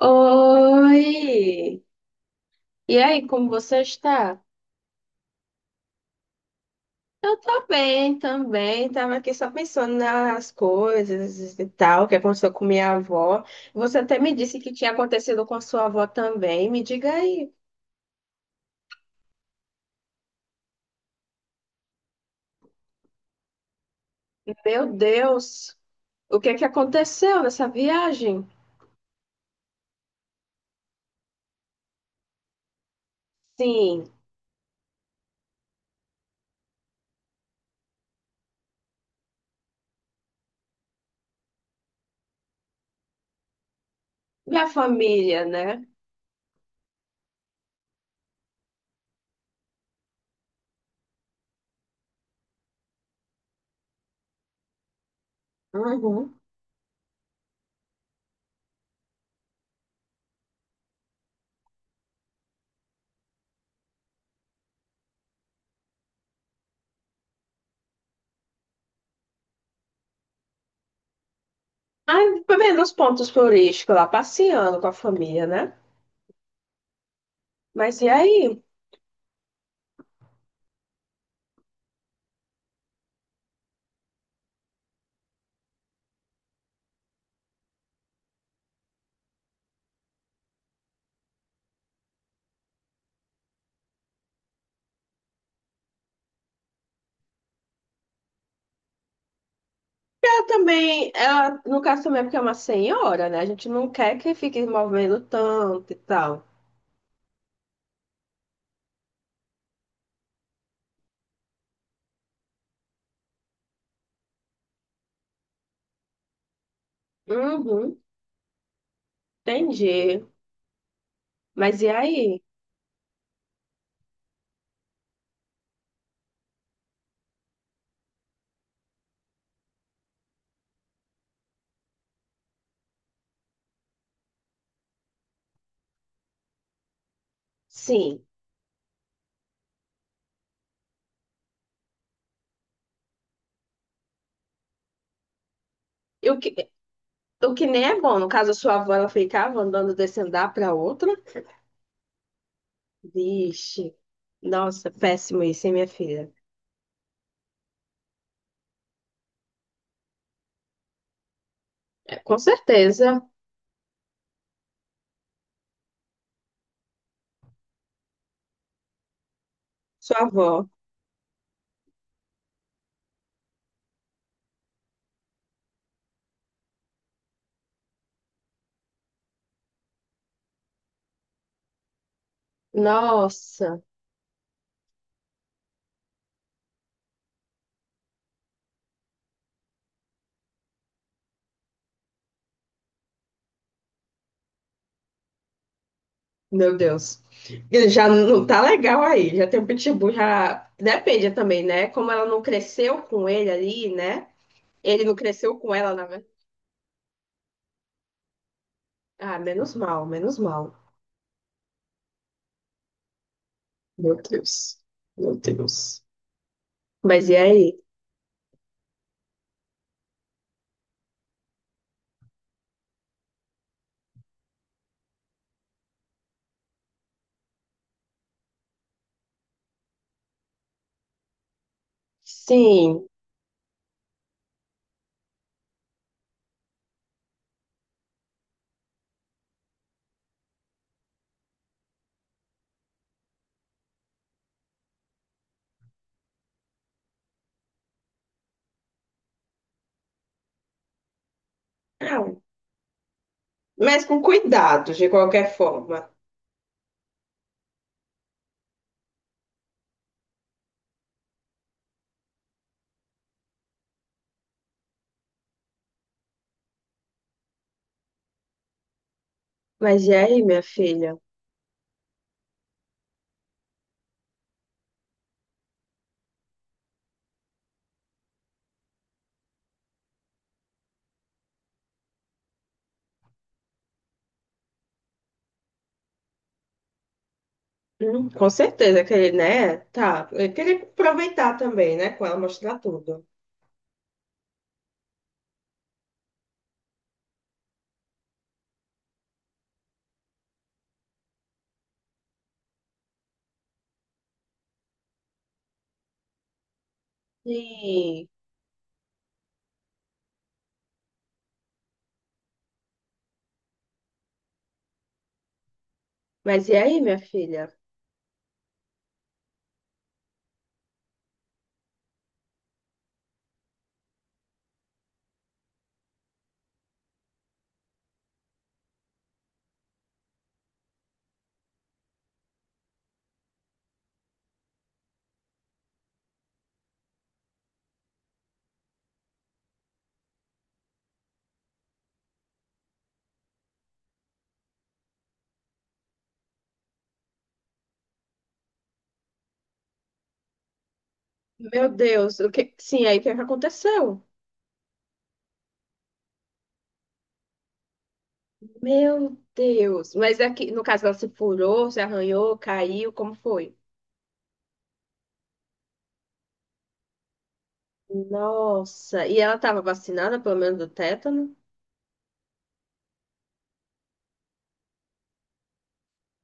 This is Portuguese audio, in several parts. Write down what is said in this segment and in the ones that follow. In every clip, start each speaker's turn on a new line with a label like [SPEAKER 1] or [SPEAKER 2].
[SPEAKER 1] Oi! E aí, como você está? Eu tô bem também, tava aqui só pensando nas coisas e tal, que aconteceu com minha avó. Você até me disse que tinha acontecido com sua avó também. Me diga aí, meu Deus, o que é que aconteceu nessa viagem? Sim, minha família, né? Uhum. Ai, pelo menos pontos turísticos lá, passeando com a família, né? Mas e aí? Também, ela, no caso também, é porque é uma senhora, né? A gente não quer que fique movendo tanto e tal. Uhum, entendi. Mas e aí? Sim. E o que nem é bom, no caso, a sua avó, ela ficava andando desse andar para outra? Vixe. Nossa, péssimo isso, hein, minha filha? É, com certeza, sua avó. Nossa, meu Deus. Ele já não tá legal aí, já tem um pitbull, já. Depende também, né? Como ela não cresceu com ele ali, né? Ele não cresceu com ela, na verdade. Ah, menos mal, menos mal. Meu Deus. Meu Deus. Mas e aí? Sim. Ah, mas com cuidado, de qualquer forma. Mas e aí, minha filha? Com certeza que ele, né? Tá. Ele queria aproveitar também, né? Com ela mostrar tudo. Sim. Mas e aí, minha filha? Meu Deus, o que. Sim, aí o que é que aconteceu? Meu Deus. Mas aqui, no caso, ela se furou, se arranhou, caiu, como foi? Nossa, e ela estava vacinada, pelo menos do tétano?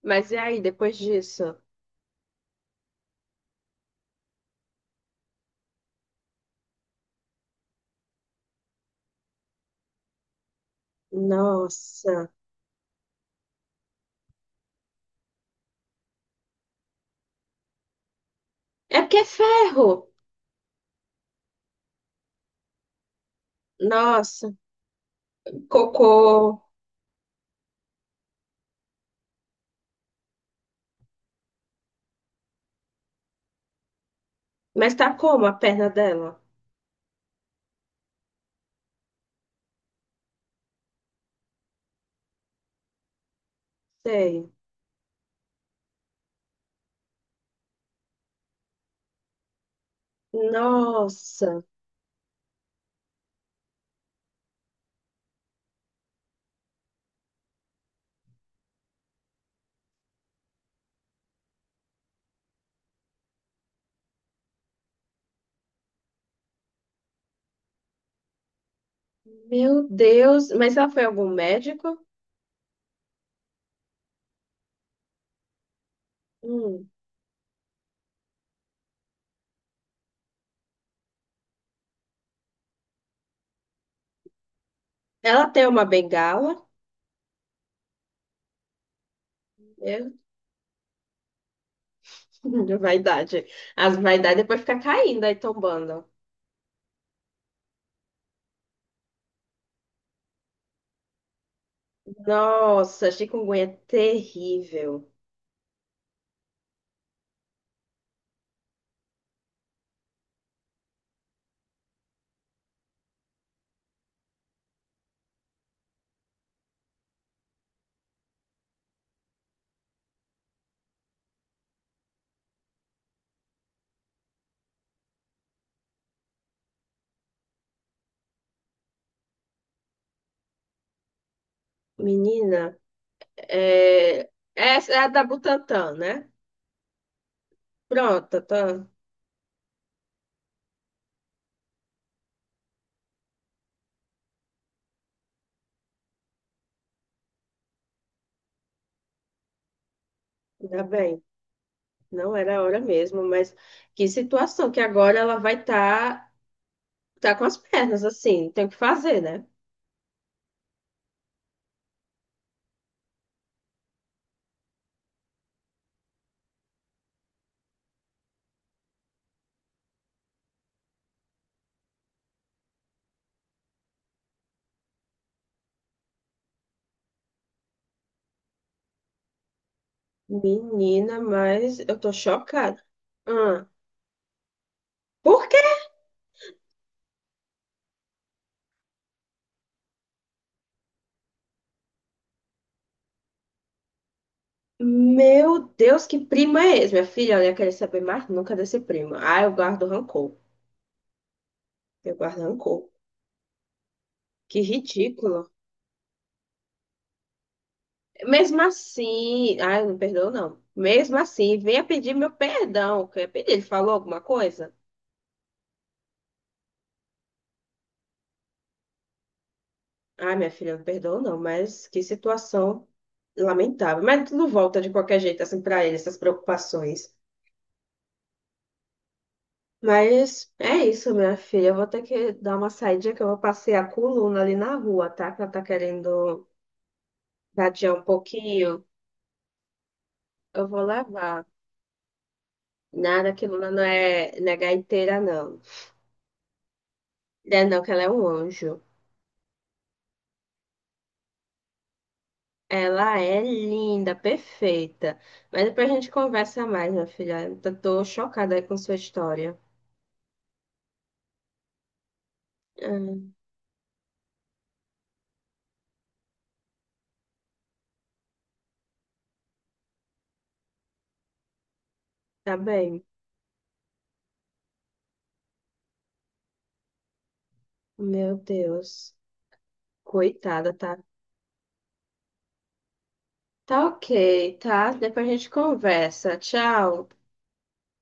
[SPEAKER 1] Mas e aí, depois disso? Nossa, é porque é ferro! Nossa, cocô. Mas tá como a perna dela? Sei. Nossa, meu Deus. Mas ela foi a algum médico? Hum. Ela tem uma bengala? Eu. Vaidade. As vaidades depois fica caindo aí, tombando. Nossa, chikungunya é terrível. Menina. É, essa é a da Butantan, né? Pronto, tá. Ainda bem. Não era a hora mesmo, mas que situação que agora ela vai estar tá com as pernas assim, tem o que fazer, né? Menina, mas eu tô chocada. Ah, por quê? Meu Deus, que prima é esse? Minha filha, olha, eu quero saber mais nunca desse primo. Ah, eu guardo rancor. Eu guardo rancor. Que ridículo. Mesmo assim, ai, não perdoou, não. Mesmo assim, venha pedir meu perdão. Que eu ia pedir. Ele falou alguma coisa? Ai, minha filha, não perdoou, não, mas que situação lamentável. Mas tudo volta de qualquer jeito, assim, pra ele, essas preocupações. Mas é isso, minha filha. Eu vou ter que dar uma saída que eu vou passear com o Luna ali na rua, tá? Que ela tá querendo vadiar um pouquinho. Eu vou levar. Nada que Luna não é, não é gaiteira, não. Não é não, que ela é um anjo. Ela é linda, perfeita. Mas depois a gente conversa mais, minha filha. Eu tô chocada aí com sua história. Ah, tá bem. Meu Deus. Coitada, tá? Tá ok, tá? Depois a gente conversa. Tchau.